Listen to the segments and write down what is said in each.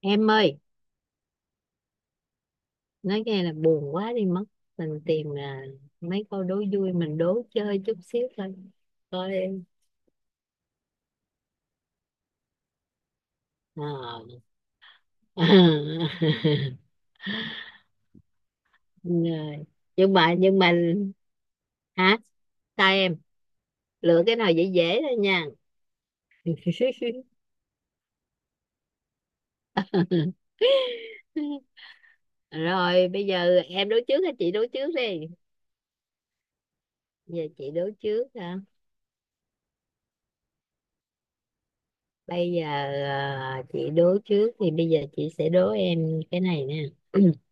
Em ơi, nói nghe là buồn quá đi mất. Mình tìm à, mấy câu đố vui mình đố chơi chút xíu thôi, coi em. Ờ. Rồi, nhưng mà hả, sai em, lựa cái nào dễ dễ thôi nha. Rồi bây giờ em đố trước hay chị đố trước đi? Giờ chị đố trước hả? Bây giờ à, chị đố trước thì bây giờ chị sẽ đố em cái này nè.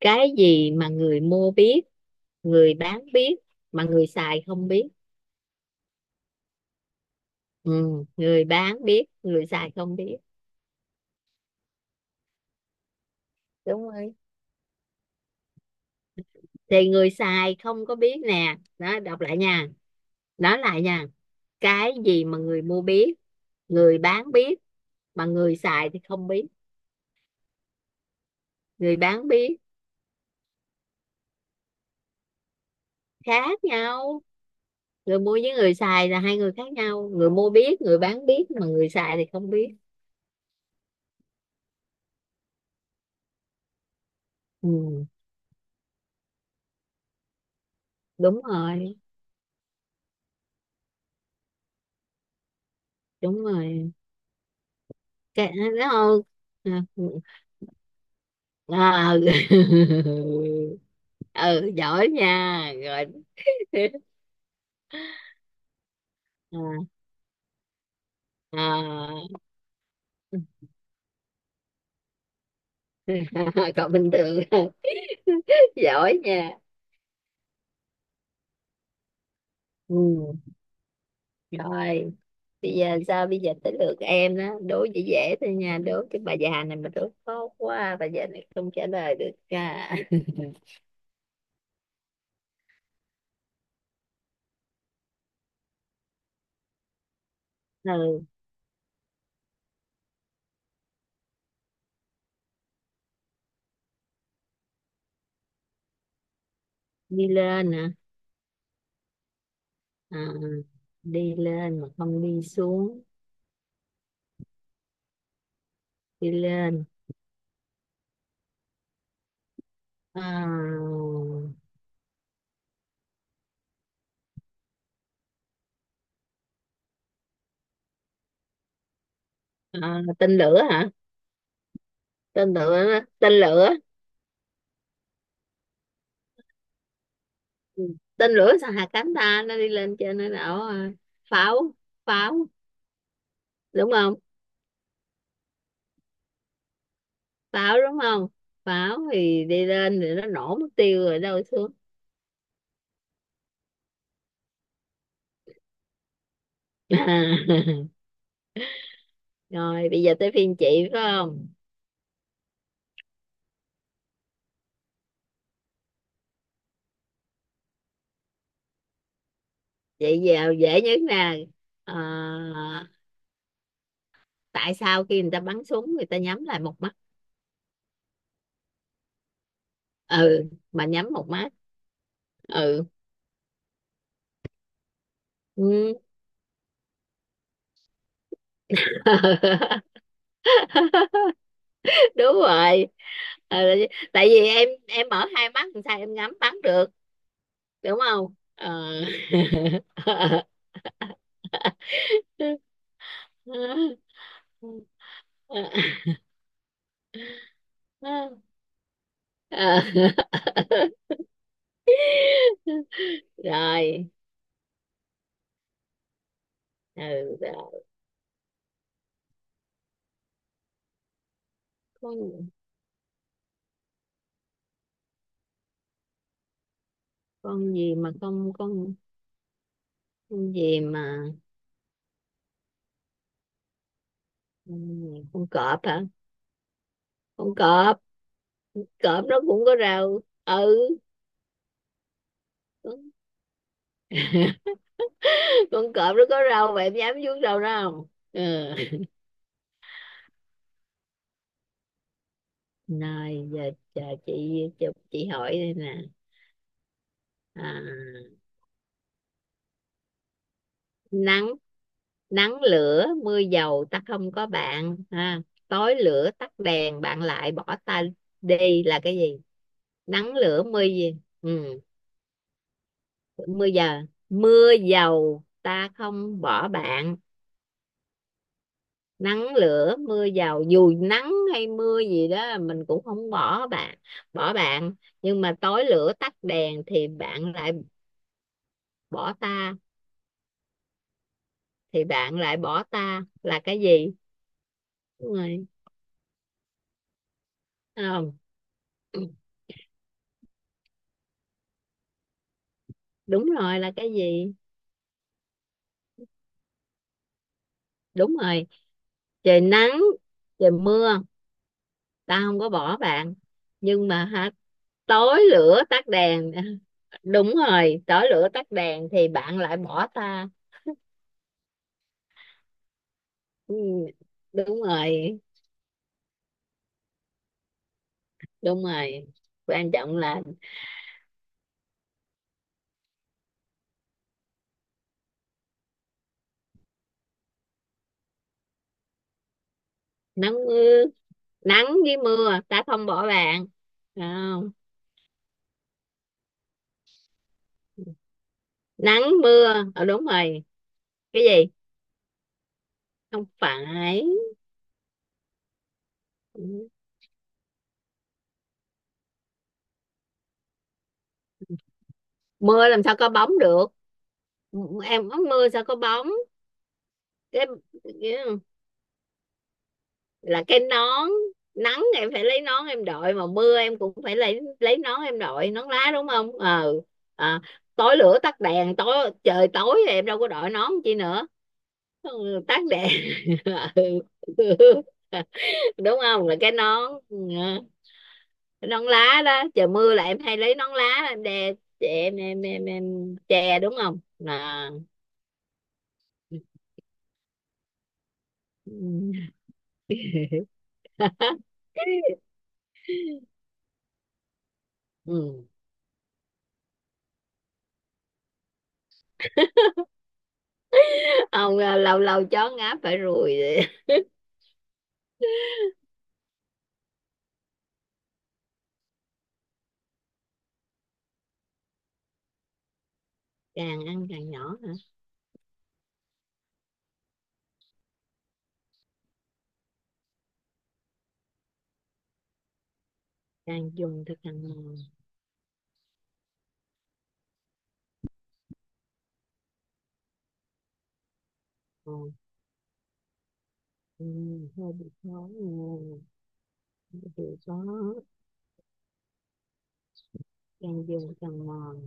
Cái gì mà người mua biết, người bán biết, mà người xài không biết? Ừ, người bán biết, người xài không biết. Đúng rồi, thì người xài không có biết nè đó, đọc lại nha, nói lại nha. Cái gì mà người mua biết, người bán biết, mà người xài thì không biết? Người bán biết. Khác nhau. Người mua với người xài là hai người khác nhau, người mua biết, người bán biết, mà người xài thì không biết. Ừ, đúng rồi. Đúng rồi, cái nó thôi. À, à. Ừ, giỏi nha. Rồi. À, à. Còn bình thường. Giỏi nha. Ừ. Rồi bây giờ, sao bây giờ tới lượt em đó, đố dễ dễ thôi nha, đố cái bà già này mà đố khó quá bà già này không trả lời được cả. Ừ. Đi lên nè. À, đi lên mà không đi xuống. Đi lên. À. À, tên lửa hả? Tên lửa, tên lửa. Ừ. Tên lửa sao hạ cánh ta, nó đi lên trên nó đảo à, pháo, pháo, đúng không? Pháo đúng không? Pháo thì đi lên thì nó nổ mất tiêu rồi đâu xuống. À. Rồi bây giờ tới phiên chị, phải không? Chị vào dễ nhất nè. À, tại sao khi người ta bắn súng người ta nhắm lại một mắt? Ừ, mà nhắm một mắt. Ừ. Ừ. Đúng rồi. Ờ, tại vì em mở hai mắt làm sao em ngắm bắn được, đúng không? Ờ. Ờ. Rồi. Ừ, rồi. con con gì mà con, con gì mà con cọp hả? Con cọp, cọp nó cũng có râu, ừ. Con cọp nó có râu mà em dám vuốt râu nó không? Ừ. Rồi giờ chờ chị hỏi đây nè. À, nắng, nắng lửa mưa dầu ta không có bạn ha, tối lửa tắt đèn bạn lại bỏ ta đi, là cái gì? Nắng lửa mưa gì? Ừ. Mưa giờ, mưa dầu ta không bỏ bạn, nắng lửa mưa dầu dù nắng hay mưa gì đó mình cũng không bỏ bạn, bỏ bạn, nhưng mà tối lửa tắt đèn thì bạn lại bỏ ta, thì bạn lại bỏ ta là cái gì? Đúng rồi. Không. Đúng rồi, là cái gì? Đúng rồi. Trời nắng, trời mưa tao không có bỏ bạn, nhưng mà hả, tối lửa tắt đèn. Đúng rồi, tối lửa tắt đèn thì bạn lại bỏ ta. Ừ, đúng rồi. Đúng rồi, quan trọng là nắng mưa, nắng với mưa ta không bỏ bạn, không? Nắng mưa, ờ đúng rồi. Cái gì? Không phải, mưa làm sao có bóng được, em có mưa sao có bóng. Cái, là cái nón. Nắng em phải lấy nón em đội, mà mưa em cũng phải lấy nón em đội nón lá, đúng không? Ờ. À, tối lửa tắt đèn, tối trời tối thì em đâu có đội nón chi nữa. Ừ, tắt đèn. Ừ. Đúng không, là cái nón. Ừ, cái nón lá đó, trời mưa là em hay lấy nón lá em đè che em, em che, đúng không? À. Ừ. Ừ. Ông à, lâu lâu chó ngáp phải ruồi. Càng ăn càng nhỏ hả? Càng dùng thì càng mòn. Mòn. Ừ, hơi bị khó nghe. Thì có, càng dùng càng mòn,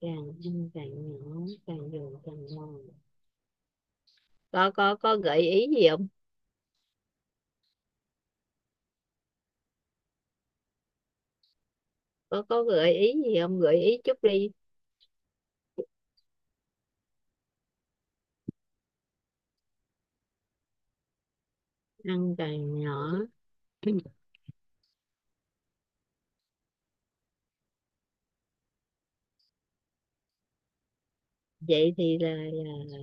càng ăn càng nhỏ, càng dùng càng mòn. Có gợi ý gì không? Có có gợi ý gì không, gợi ý chút đi. Ăn càng nhỏ. Vậy thì là.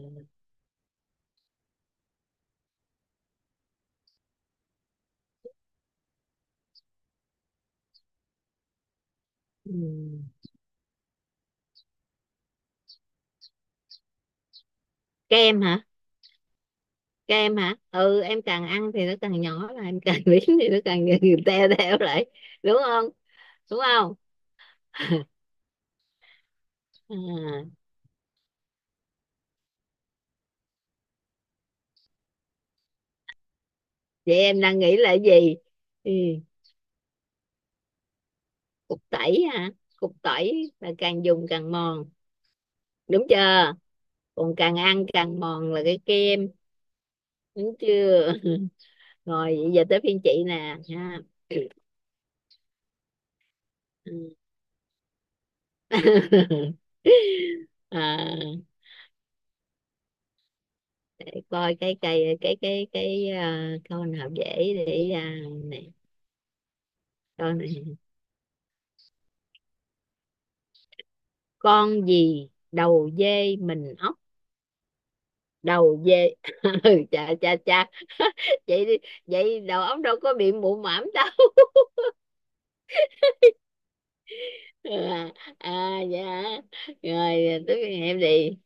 Ừ, kem hả? Kem hả? Ừ, em càng ăn thì nó càng nhỏ, là em càng biến thì nó càng teo teo lại, đúng không? Đúng không? À. Vậy em đang nghĩ là cái gì? Ừ. Cục tẩy hả? Cục tẩy là càng dùng càng mòn, đúng chưa? Còn càng ăn càng mòn là cái kem, đúng chưa? Rồi vậy giờ tới phiên chị nè ha. Ừ. À, để coi cái cây cái à, câu nào dễ để à, này, câu này: con gì đầu dê mình ốc? Đầu dê. Ừ, chà chà chà. Vậy đi, vậy đầu óc đâu có bị mụ mảm đâu. À, à dạ. Rồi tức em đi.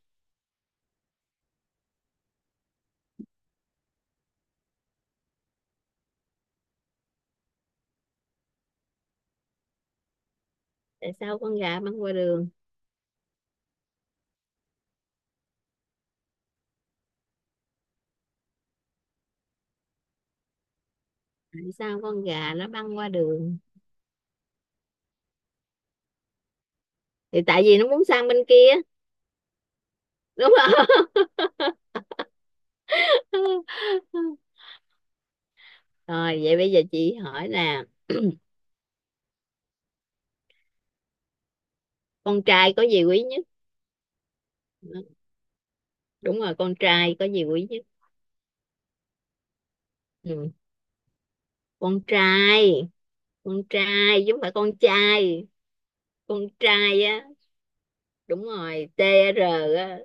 Tại sao con gà băng qua đường? Tại sao con gà nó băng qua đường? Thì tại vì nó muốn sang bên kia, đúng không? Rồi vậy bây giờ chị hỏi là con trai có gì quý nhất? Đúng rồi, con trai có gì quý nhất. Ừ. Con trai. Con trai chứ không phải con trai. Con trai á, đúng rồi. Tr, á,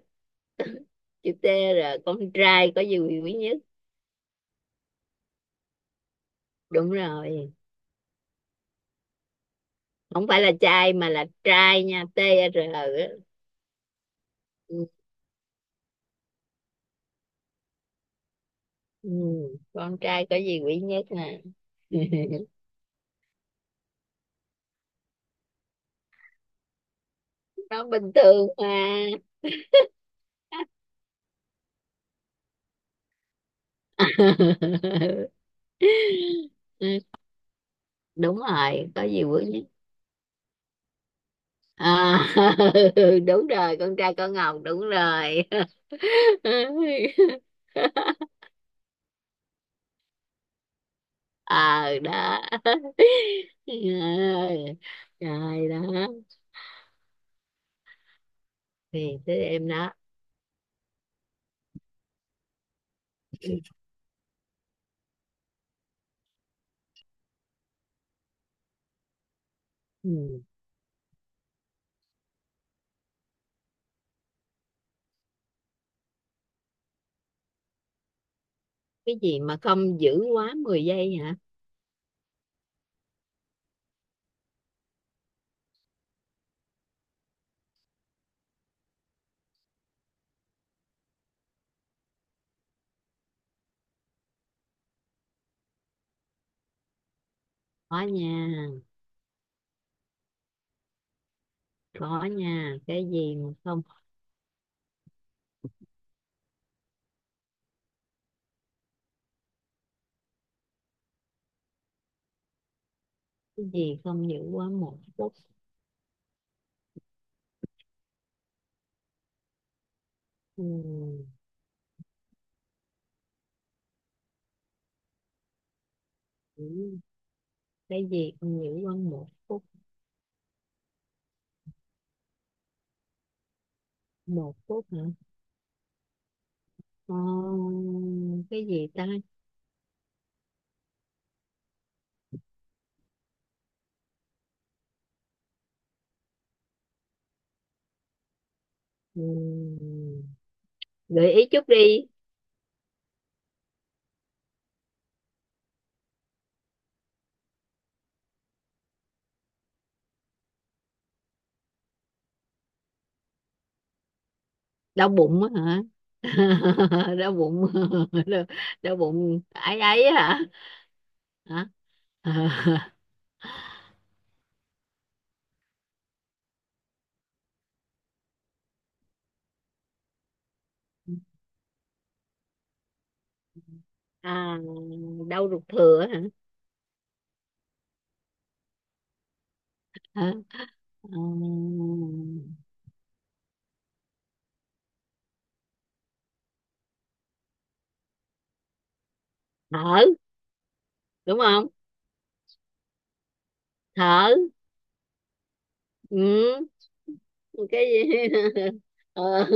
chữ T, là con trai có gì quý nhất. Đúng rồi, không phải là trai mà là trai nha, T, R. Ừ. Ừ. Con trai có gì quý nhất nè. Nó bình thường mà. Đúng rồi, có gì quý nhất. À. Đúng rồi, con trai có ngọc, đúng rồi. Ờ đó. Trời ơi, trời đó, thì tới em đó. Ừ. Cái gì mà không giữ quá 10 giây hả? Có nha, có nha, cái gì mà không. Cái gì không giữ quá 1 phút? Ừ. Ừ. Cái gì không giữ quá một phút, 1 phút hả? Ờ, cái gì ta? Ừ. Gợi ý chút đi. Đau bụng á hả? Đau bụng. Đau, đau bụng ấy ấy. Hả? Hả? À, đau ruột thừa. Hả? Ừm. Thở, đúng không? Thở. Ừ. Cái gì? Ờ.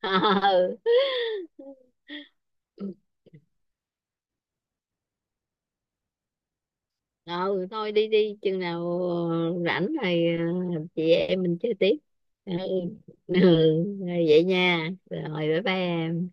Ờ. Ờ, thôi đi đi chừng nào, ờ, rảnh rồi, ờ, chị em mình chơi tiếp. Ừ. Ừ. Rồi vậy nha, rồi bye bye em.